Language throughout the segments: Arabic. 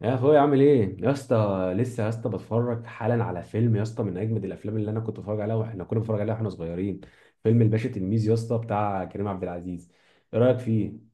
يا اخويا، عامل ايه يا اسطى؟ لسه يا اسطى بتفرج حالا على فيلم يا اسطى من اجمد الافلام اللي انا كنت بتفرج عليها واحنا كنا بنتفرج عليها واحنا صغيرين. فيلم الباشا تلميذ يا اسطى بتاع كريم عبد العزيز. ايه رايك فيه؟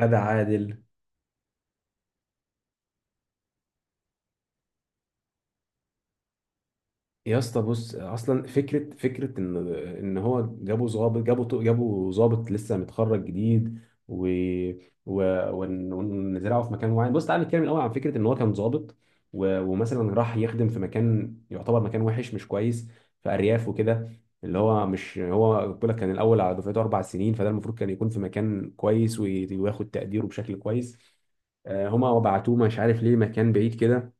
غادة عادل. يا اسطى بص اصلا فكره ان هو جابوا ظابط، جابوا ظابط لسه متخرج جديد، و و ونزرعه في مكان معين. بص تعالى نتكلم الاول عن فكره ان هو كان ظابط، ومثلا راح يخدم في مكان يعتبر مكان وحش مش كويس، في ارياف وكده. اللي هو مش هو بيقول لك كان الاول على دفعته اربع سنين، فده المفروض كان يكون في مكان كويس وياخد تقديره بشكل كويس. هما بعتوه مش عارف ليه مكان بعيد كده.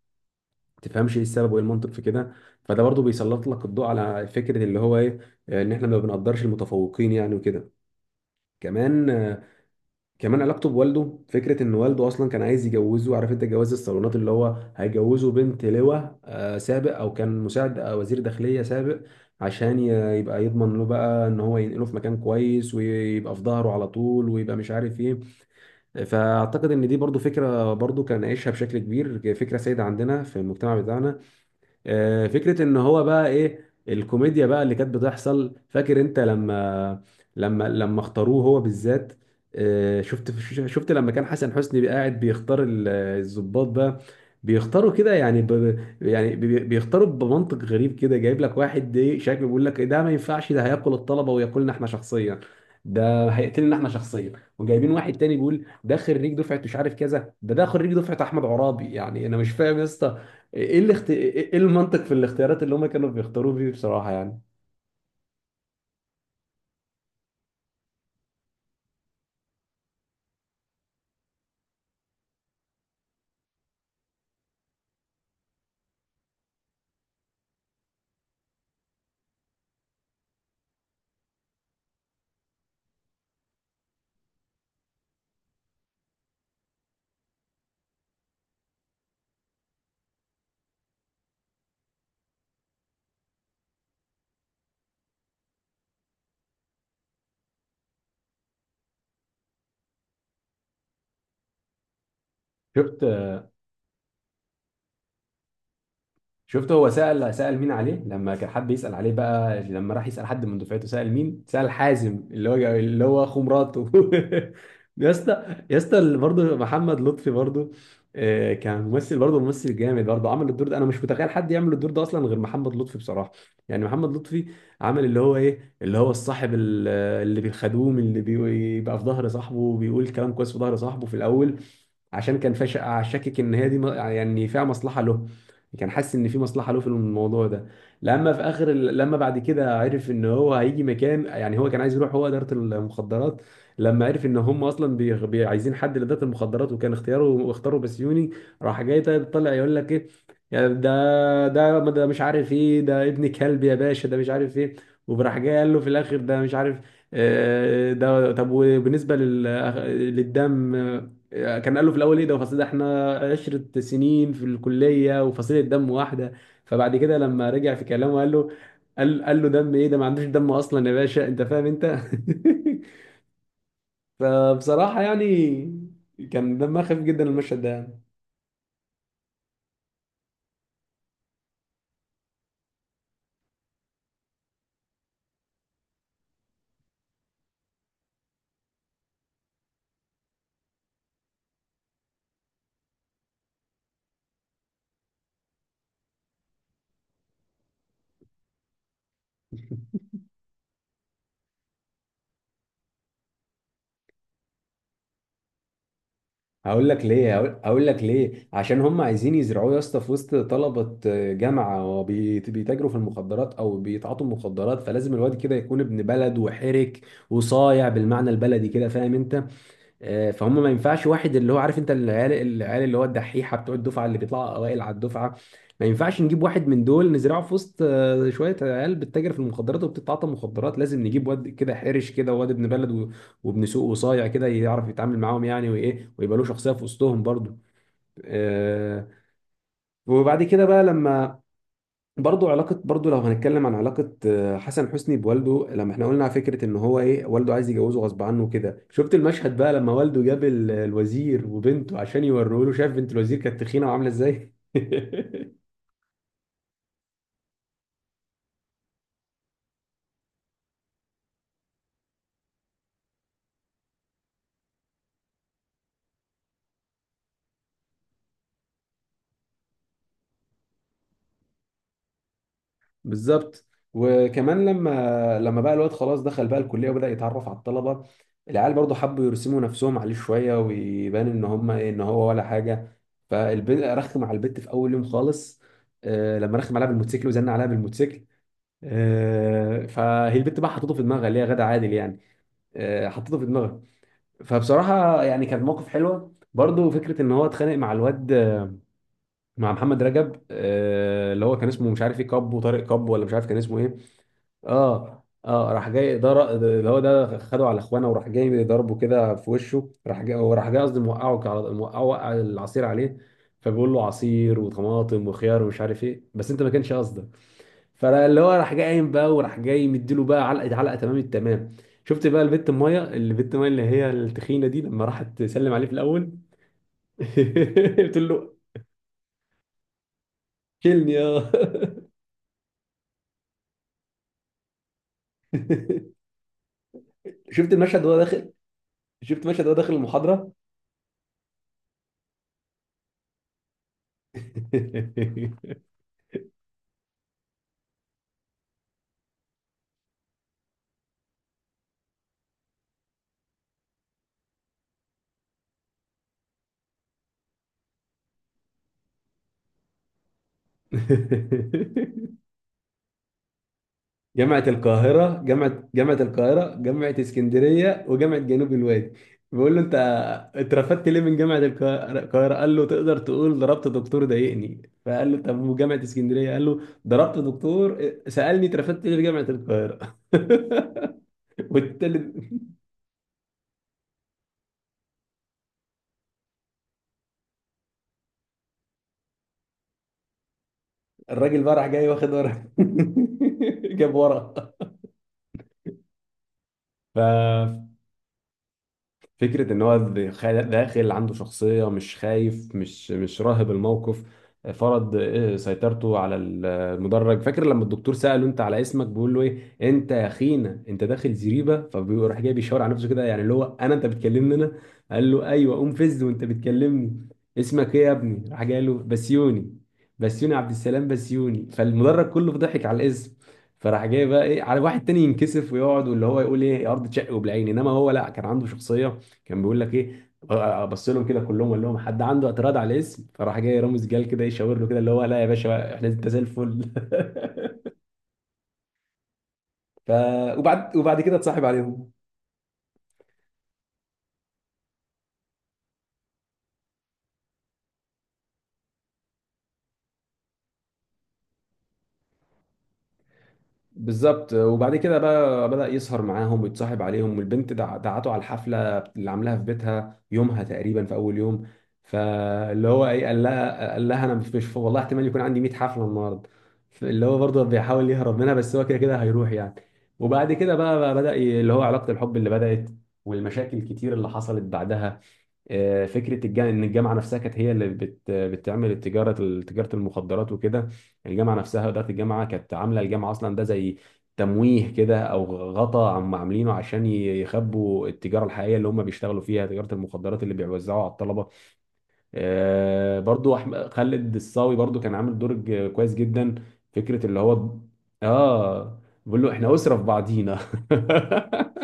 تفهمش ايه السبب وايه المنطق في كده؟ فده برضو بيسلط لك الضوء على فكره اللي هو ايه، ان احنا ما بنقدرش المتفوقين يعني وكده. كمان، كمان علاقته بوالده، فكره ان والده اصلا كان عايز يجوزه. عارف انت جواز الصالونات، اللي ههو هيجوزه بنت لواء سابق او كان مساعد وزير داخليه سابق، عشان يبقى يضمن له بقى ان هو ينقله في مكان كويس ويبقى في ظهره على طول ويبقى مش عارف ايه. فاعتقد ان دي برضو فكره برضو كان عايشها بشكل كبير، فكره سائده عندنا في المجتمع بتاعنا. فكرة ان هو بقى ايه الكوميديا بقى اللي كانت بتحصل. فاكر انت لما لما اختاروه هو بالذات؟ شفت، شفت لما كان حسن حسني قاعد بيختار الضباط بقى، بيختاروا كده يعني بيختاروا بمنطق غريب كده، جايب لك واحد ايه شكله، بيقول لك ده ما ينفعش، ده هياكل الطلبة وياكلنا احنا شخصيا، ده هيقتلنا احنا شخصيا. وجايبين واحد تاني بيقول ده خريج دفعه مش عارف كذا، ده خريج دفعه احمد عرابي. يعني انا مش فاهم يا اسطى ايه ايه المنطق في الاختيارات اللي هم كانوا بيختاروه فيه بصراحة يعني. شفت، شفت هو سأل مين عليه؟ لما كان حد يسأل عليه بقى، لما راح يسأل حد من دفعته، سأل مين؟ سأل حازم اللي هو اخو مراته. يا اسطى، يا اسطى برضه محمد لطفي برضه، كان ممثل برضه، ممثل جامد برضه. عمل الدور ده، انا مش متخيل حد يعمل الدور ده اصلا غير محمد لطفي بصراحة. يعني محمد لطفي عمل اللي هو ايه، اللي هو الصاحب اللي بيخدوم، اللي بيبقى في ظهر صاحبه وبيقول كلام كويس في ظهر صاحبه في الاول عشان كان فاش، شاكك ان هي دي يعني فيها مصلحه له. كان حاسس ان في مصلحه له في الموضوع ده. لما في اخر لما بعد كده عرف ان هو هيجي مكان، يعني هو كان عايز يروح هو اداره المخدرات. لما عرف ان هم اصلا عايزين حد لاداره المخدرات، وكان اختياره اختاروا بسيوني، راح جاي طلع يقول لك ايه، يا ده مش عارف ايه، ده ابن كلب يا باشا، ده مش عارف ايه. وراح جاي قال له في الاخر ده مش عارف، ده طب وبالنسبه للدم، كان قال له في الاول ايه ده، فصل ده؟ احنا عشرة سنين في الكليه وفصيله دم واحده. فبعد كده لما رجع في كلامه قال له، قال له دم ايه؟ ده ما عندوش دم اصلا يا باشا، انت فاهم انت. فبصراحه يعني كان دمها خفيف جدا المشهد ده يعني. هقول لك ليه، هقول لك ليه، عشان هم عايزين يزرعوه يا اسطى في وسط طلبه جامعه بيتاجروا في المخدرات او بيتعاطوا مخدرات، فلازم الواد كده يكون ابن بلد وحرك وصايع بالمعنى البلدي كده، فاهم انت؟ فهم ما ينفعش واحد اللي هو عارف انت العيال، اللي هو الدحيحه بتوع الدفعه اللي بيطلعوا اوائل على الدفعه، ما ينفعش نجيب واحد من دول نزرعه في وسط شويه عيال بتتاجر في المخدرات وبتتعاطى مخدرات. لازم نجيب واد كده حرش كده، واد ابن بلد وابن سوق وصايع كده، يعرف يتعامل معاهم يعني، وايه ويبقى له شخصيه في وسطهم برضه. آه، وبعد كده بقى لما برضو علاقة، برضو لو هنتكلم عن علاقة حسن حسني بوالده، لما احنا قلنا على فكرة ان هو ايه والده عايز يجوزه غصب عنه كده، شفت المشهد بقى لما والده جاب الوزير وبنته عشان يوروه له؟ شاف بنت الوزير كانت تخينة وعاملة ازاي. بالظبط. وكمان لما بقى الواد خلاص دخل بقى الكلية وبدأ يتعرف على الطلبة، العيال برضو حبوا يرسموا نفسهم عليه شوية ويبان ان هم ايه، ان هو ولا حاجة. فالبنت رخم على البت في اول يوم خالص، لما رخم عليها بالموتوسيكل، وزن عليها بالموتوسيكل. فهي البت بقى حطيته في دماغها، اللي هي غادة عادل يعني. حطيته في دماغها. فبصراحة يعني كان موقف حلوة برضه، فكرة ان هو اتخانق مع الواد، مع محمد رجب، اللي هو كان اسمه مش عارف ايه، كابو طارق، كابو ولا مش عارف كان اسمه ايه. اه، اه، راح جاي ده اللي هو ده خده على اخوانه وراح جاي ضربه كده في وشه. راح جاي وراح جاي قصدي موقعه موقعه، وقع العصير عليه، فبيقول له عصير وطماطم وخيار ومش عارف ايه بس انت ما كانش قصدك. فاللي هو راح جاي قايم بقى، وراح جاي مديله بقى علقه، علقه تمام التمام. شفت بقى البت الميه، البت الميه اللي هي التخينه دي لما راحت تسلم عليه في الاول؟ قلت له شيلني يا. شفت المشهد وهو داخل؟ شفت مشهد وهو داخل المحاضره؟ جامعة القاهرة، جامعة القاهرة، جامعة اسكندرية وجامعة جنوب الوادي. بقول له انت اترفدت ليه من جامعة القاهرة؟ القاهرة؟ قال له تقدر تقول ضربت دكتور ضايقني. فقال له طب وجامعة اسكندرية؟ قال له ضربت دكتور سألني اترفدت ليه في جامعة القاهرة. والتالت، الراجل بقى راح جاي واخد ورا. جاب ورا. ف... فكرة إن هو داخل عنده شخصية، مش خايف، مش راهب الموقف، فرض إيه سيطرته على المدرج. فاكر لما الدكتور سأله أنت على اسمك، بيقول له إيه أنت يا خينا أنت داخل زريبة؟ فبيروح جاي بيشاور على نفسه كده، يعني اللي هو أنا، أنت بتكلمني أنا؟ قال له أيوه، قوم فز وأنت بتكلمني. اسمك إيه يا ابني؟ راح جاي قال له بسيوني، بسيوني عبد السلام بسيوني. فالمدرج كله ضحك على الاسم. فراح جاي بقى ايه، على واحد تاني ينكسف ويقعد واللي هو يقول ايه يا ارض تشق وبالعين، انما هو لا، كان عنده شخصيه. كان بيقول لك ايه، ابص لهم كده كلهم وقال لهم حد عنده اعتراض على الاسم؟ فراح جاي رامز جال كده يشاور له كده، اللي هو لا يا باشا احنا، انت زي الفل. ف، وبعد كده اتصاحب عليهم. بالظبط. وبعد كده بقى بدأ يسهر معاهم ويتصاحب عليهم. والبنت دعته على الحفلة اللي عاملاها في بيتها يومها تقريبا في أول يوم. فاللي هو إيه، قال لها أنا مش والله احتمال يكون عندي 100 حفلة النهاردة. اللي هو برضه بيحاول يهرب منها، بس هو كده كده هيروح يعني. وبعد كده بقى بدأ اللي هو علاقة الحب اللي بدأت والمشاكل الكتير اللي حصلت بعدها. فكره الجامعه ان الجامعه نفسها كانت هي اللي بتعمل التجاره، تجاره المخدرات وكده. الجامعه نفسها، اداره الجامعه كانت عامله الجامعه اصلا ده زي تمويه كده او غطا عم عاملينه عشان يخبوا التجاره الحقيقيه اللي هم بيشتغلوا فيها، تجاره المخدرات اللي بيوزعوها على الطلبه. برضو خالد الصاوي برضو كان عامل دور كويس جدا. فكره اللي هو اه، بيقول له احنا اسره في بعضينا.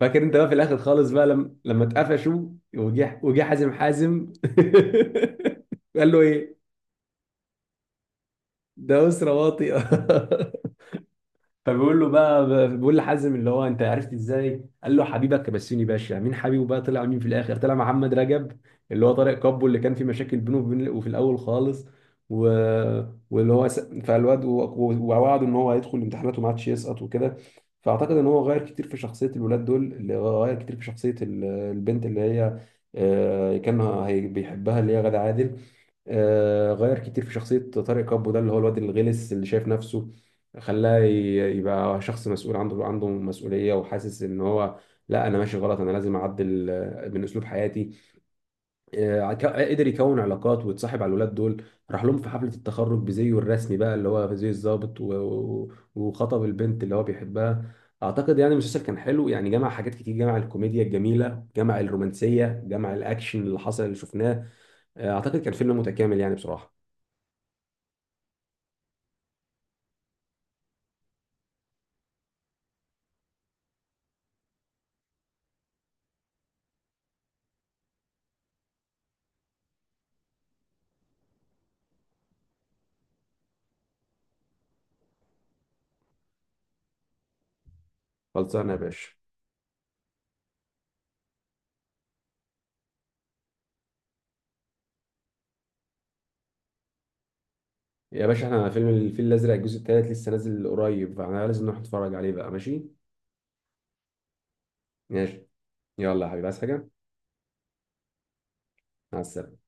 فاكر انت بقى في الاخر خالص بقى لما اتقفشوا، وجه حازم، حازم. قال له ايه؟ ده اسره واطئه. فبيقول له بقى، بيقول لحازم اللي هو انت عرفت ازاي؟ قال له حبيبك بسيوني باشا. مين حبيبه بقى؟ طلع مين في الاخر؟ طلع محمد رجب، اللي هو طارق كابو، اللي كان في مشاكل بينه وبين، وفي الاول خالص. و... واللي هو فالواد ووعده ان هو هيدخل الامتحانات وما عادش يسقط وكده. فاعتقد ان هو غير كتير في شخصيه الولاد دول، اللي هو غير كتير في شخصيه البنت اللي هي كان بيحبها، اللي هي غادة عادل. غير كتير في شخصية طارق كابو ده، اللي هو الواد الغلس اللي شايف نفسه، خلاه يبقى شخص مسؤول، عنده مسؤولية، وحاسس ان هو لا انا ماشي غلط، انا لازم اعدل من اسلوب حياتي. قدر يكون علاقات ويتصاحب على الولاد دول. راح لهم في حفلة التخرج بزيه الرسمي بقى، اللي هو زي الضابط، وخطب البنت اللي هو بيحبها. اعتقد يعني المسلسل كان حلو يعني، جمع حاجات كتير، جمع الكوميديا الجميلة، جمع الرومانسية، جمع الاكشن اللي حصل اللي شفناه. اعتقد كان فيلم متكامل يعني بصراحة. خلصانه يا باشا. يا باشا احنا فيلم الفيل الازرق الجزء الثالث لسه نازل قريب، فاحنا لازم نروح نتفرج عليه بقى، ماشي؟ ماشي. يلا يا حبيبي، عايز حاجه؟ مع السلامه.